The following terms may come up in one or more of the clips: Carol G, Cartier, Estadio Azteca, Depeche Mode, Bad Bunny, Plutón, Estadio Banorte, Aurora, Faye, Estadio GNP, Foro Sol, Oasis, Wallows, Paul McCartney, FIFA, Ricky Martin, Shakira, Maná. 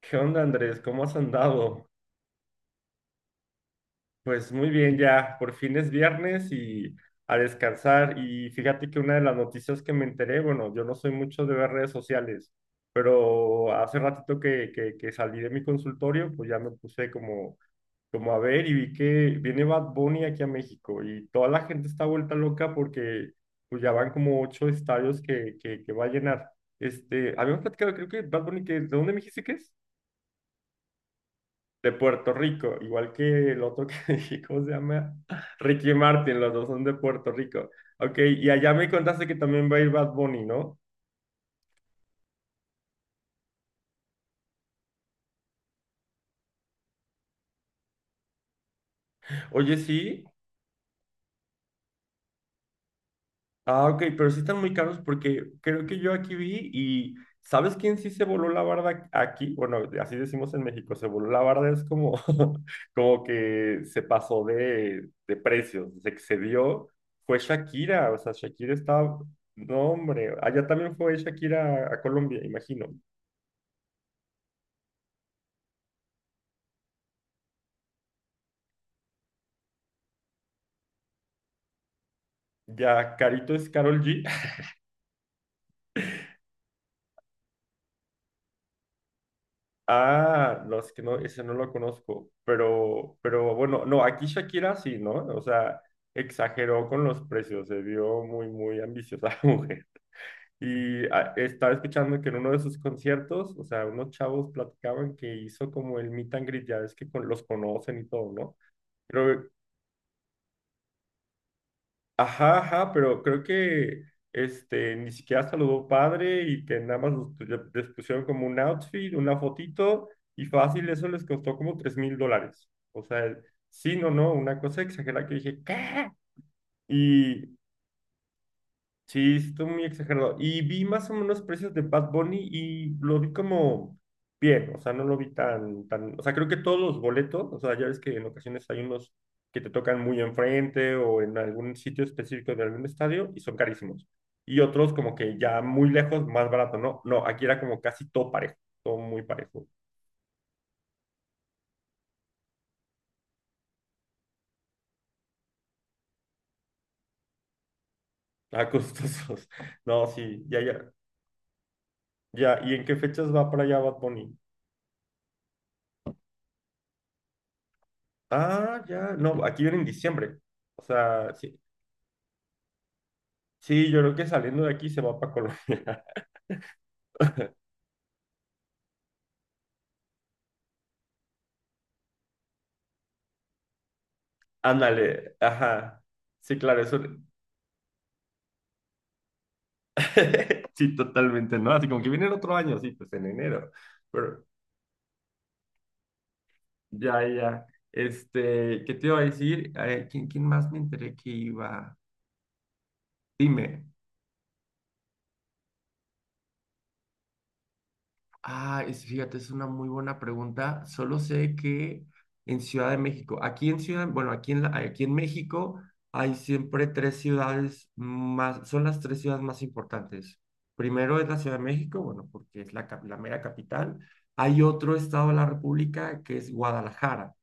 ¿Qué onda, Andrés? ¿Cómo has andado? Pues muy bien ya, por fin es viernes y a descansar. Y fíjate que una de las noticias que me enteré, bueno, yo no soy mucho de ver redes sociales, pero hace ratito que salí de mi consultorio, pues ya me puse como a ver y vi que viene Bad Bunny aquí a México y toda la gente está vuelta loca porque pues ya van como ocho estadios que va a llenar. Habíamos platicado, creo que Bad Bunny, ¿de dónde me dijiste que es? De Puerto Rico, igual que el otro que dije, ¿cómo se llama? Ricky Martin, los dos son de Puerto Rico. Ok, y allá me contaste que también va a ir Bad Bunny, ¿no? Oye, sí. Ah, ok, pero sí están muy caros porque creo que yo aquí vi y ¿sabes quién sí se voló la barda aquí? Bueno, así decimos en México, se voló la barda, es como, como que se pasó de precios, se excedió. Fue Shakira, o sea, Shakira estaba, no hombre, allá también fue Shakira a Colombia, imagino. Ya, Carito es Carol G. Ah, no, es que no, ese no lo conozco. Pero bueno, no, aquí Shakira sí, ¿no? O sea, exageró con los precios, se vio muy, muy ambiciosa la mujer. Y ah, estaba escuchando que en uno de sus conciertos, o sea, unos chavos platicaban que hizo como el meet and greet, ya ves que los conocen y todo, ¿no? Pero ajá, ajá, pero creo que este ni siquiera saludó padre y que nada más les pusieron como un outfit, una fotito y fácil, eso les costó como $3,000. O sea, sí, no, no, una cosa exagerada que dije, ¿qué? Sí, sí, estuvo muy exagerado. Y vi más o menos precios de Bad Bunny y lo vi como bien, o sea, no lo vi tan, o sea, creo que todos los boletos, o sea, ya ves que en ocasiones hay unos que te tocan muy enfrente o en algún sitio específico de algún estadio y son carísimos. Y otros como que ya muy lejos, más barato, ¿no? No, aquí era como casi todo parejo, todo muy parejo. Ah, costosos. No, sí, ya, ya, ya. ¿Y en qué fechas va para allá Bad Bunny? Ah, ya, no, aquí viene en diciembre. O sea, sí, sí, yo creo que saliendo de aquí se va para Colombia. Ándale, ajá. Sí, claro, eso. Sí, totalmente, ¿no? Así como que viene el otro año, sí, pues en enero. Pero ya, ya. ¿Qué te iba a decir? ¿Quién más me enteré que iba? Dime. Ah, fíjate, es una muy buena pregunta. Solo sé que en Ciudad de México, aquí en Ciudad, bueno, aquí en México hay siempre tres ciudades más, son las tres ciudades más importantes. Primero es la Ciudad de México, bueno, porque es la mera capital. Hay otro estado de la República que es Guadalajara.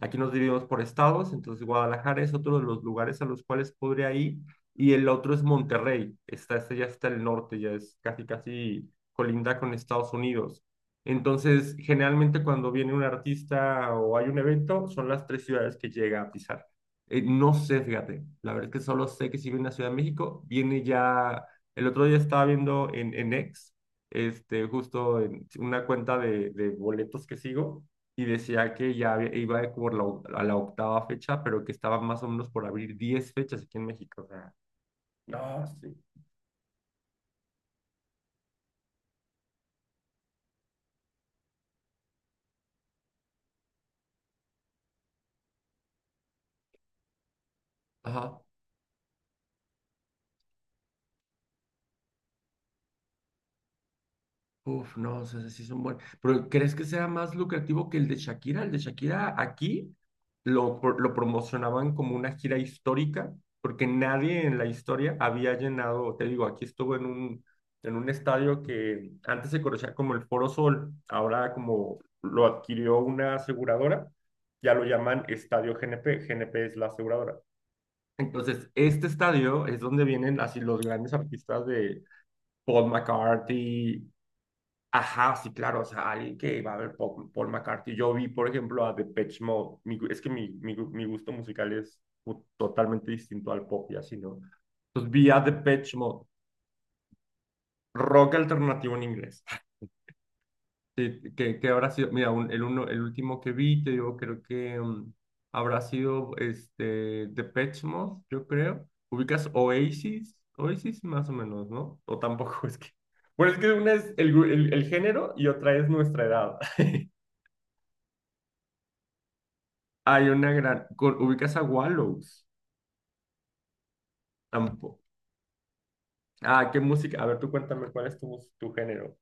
Aquí nos dividimos por estados, entonces Guadalajara es otro de los lugares a los cuales podría ir y el otro es Monterrey, está, este ya está el norte, ya es casi casi colinda con Estados Unidos. Entonces, generalmente cuando viene un artista o hay un evento, son las tres ciudades que llega a pisar. No sé, fíjate, la verdad es que solo sé que si viene a Ciudad de México, viene ya, el otro día estaba viendo en X, justo en una cuenta de boletos que sigo y decía que ya iba a la octava fecha, pero que estaban más o menos por abrir 10 fechas aquí en México. O sea, no, sí. Ajá. Uf, no, o sea, sí es un buen. Pero ¿crees que sea más lucrativo que el de Shakira? El de Shakira aquí lo promocionaban como una gira histórica, porque nadie en la historia había llenado, te digo, aquí estuvo en un estadio que antes se conocía como el Foro Sol, ahora como lo adquirió una aseguradora, ya lo llaman Estadio GNP, GNP es la aseguradora. Entonces, este estadio es donde vienen así los grandes artistas de Paul McCartney. Ajá, sí, claro, o sea, alguien que va a ver Paul McCartney. Yo vi, por ejemplo, a Depeche Mode. Es que mi gusto musical es totalmente distinto al pop y así, ¿no? Entonces vi a Depeche Mode, rock alternativo en inglés. Sí, que habrá sido, mira, el último que vi, te digo, creo que habrá sido Depeche Mode, yo creo. ¿Ubicas Oasis? Oasis más o menos, ¿no? O tampoco es que... Bueno, es que una es el, gru- el género y otra es nuestra edad. Hay una gran... con- ¿Ubicas a Wallows? Tampoco. Ah, ¿qué música? A ver, tú cuéntame cuál es tu género.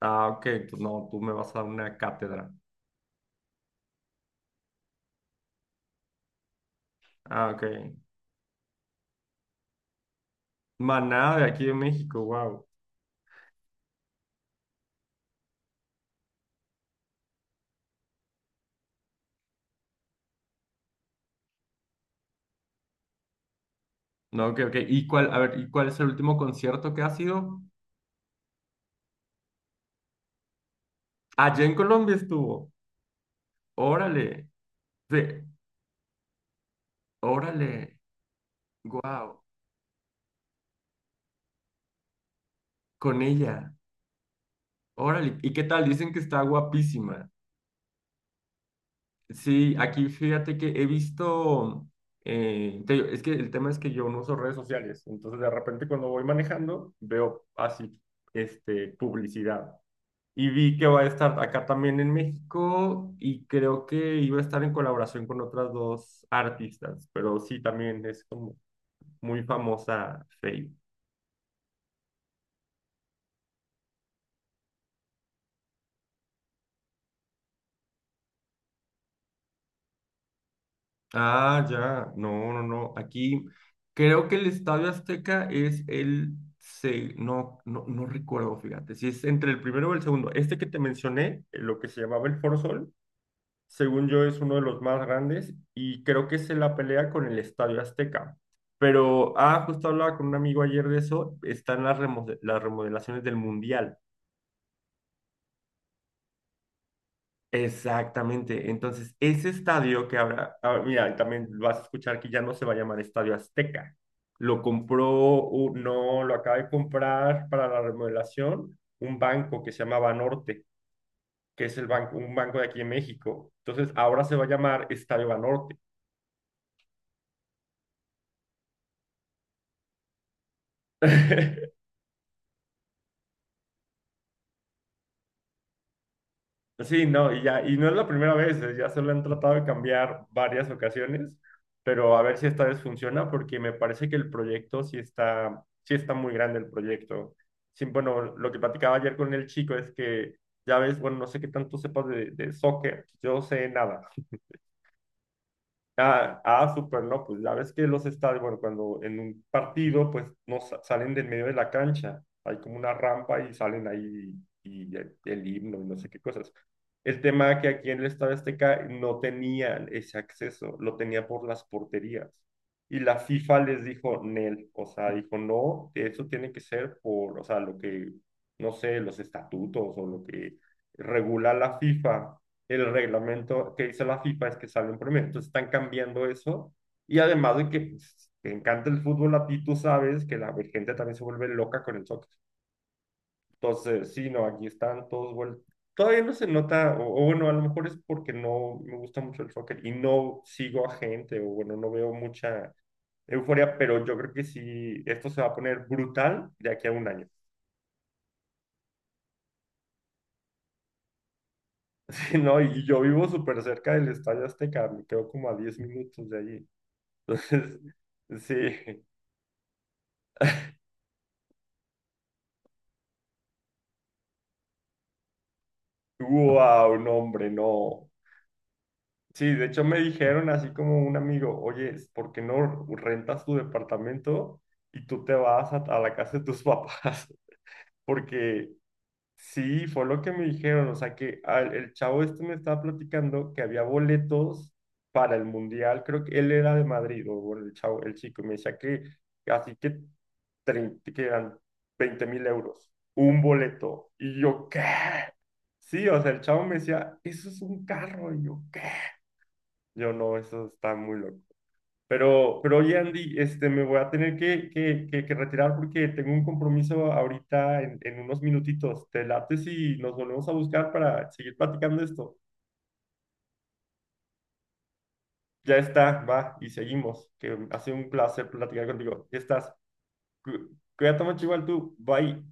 Ah, ok. Tú, no, tú me vas a dar una cátedra. Ah, ok. Maná de aquí de México, wow. No, ok, ok. A ver, ¿y cuál es el último concierto que ha sido? Allá en Colombia estuvo. Órale. Sí, órale. Wow. Con ella. Órale. ¿Y qué tal? Dicen que está guapísima. Sí, aquí fíjate que he visto, te digo, es que el tema es que yo no uso redes sociales, entonces de repente cuando voy manejando veo así, publicidad. Y vi que va a estar acá también en México y creo que iba a estar en colaboración con otras dos artistas, pero sí, también es como muy famosa Faye. Ah, ya, no, no, no. Aquí creo que el Estadio Azteca es no, no, no recuerdo, fíjate, si es entre el primero o el segundo. Este que te mencioné, lo que se llamaba el Foro Sol, según yo es uno de los más grandes y creo que es en la pelea con el Estadio Azteca. Pero, justo hablaba con un amigo ayer de eso, están las remodelaciones del Mundial. Exactamente. Entonces, ese estadio que ahora, mira, también vas a escuchar que ya no se va a llamar Estadio Azteca. Lo compró, no, lo acaba de comprar para la remodelación un banco que se llama Banorte, que es el banco, un banco de aquí en México. Entonces, ahora se va a llamar Estadio Banorte. Sí, no, y ya, y no es la primera vez, ya se lo han tratado de cambiar varias ocasiones, pero a ver si esta vez funciona, porque me parece que el proyecto sí está, muy grande el proyecto. Sí, bueno, lo que platicaba ayer con el chico es que, ya ves, bueno, no sé qué tanto sepas de soccer, yo sé nada. Ah, ah, súper, no, pues la vez que los estadios, bueno, cuando en un partido, pues no sa- salen del medio de la cancha, hay como una rampa y salen ahí y el himno y no sé qué cosas. El tema que aquí en el Estadio Azteca no tenían ese acceso, lo tenía por las porterías. Y la FIFA les dijo, Nel, o sea, dijo, no, eso tiene que ser por, o sea, lo que, no sé, los estatutos o lo que regula la FIFA, el reglamento que dice la FIFA es que sale un promedio. Entonces están cambiando eso. Y además de que pues, te encanta el fútbol a ti, tú sabes que la gente también se vuelve loca con el soccer. Entonces, sí, no, aquí están todos vueltos. Todavía no se nota, o bueno, a lo mejor es porque no me gusta mucho el soccer y no sigo a gente, o bueno, no veo mucha euforia, pero yo creo que sí, esto se va a poner brutal de aquí a un año. Sí, no, y yo vivo súper cerca del Estadio Azteca, me quedo como a 10 minutos de allí. Entonces, sí, wow, no, hombre, no. Sí, de hecho me dijeron así como un amigo, oye, ¿por qué no rentas tu departamento y tú te vas a la casa de tus papás? Porque Sí, fue lo que me dijeron, o sea que el chavo este me estaba platicando que había boletos para el mundial, creo que él era de Madrid, o bueno, el chavo, el chico, y me decía que así que, 30 que eran 20.000 euros, un boleto, y yo, ¿qué? Sí, o sea, el chavo me decía, eso es un carro, y yo, ¿qué? Yo no, eso está muy loco. Pero oye, Andy, me voy a tener que retirar porque tengo un compromiso ahorita en unos minutitos. ¿Te late si nos volvemos a buscar para seguir platicando esto? Ya está, va, y seguimos. Que ha sido un placer platicar contigo. Ya estás. Cuídate mucho igual tú. Bye.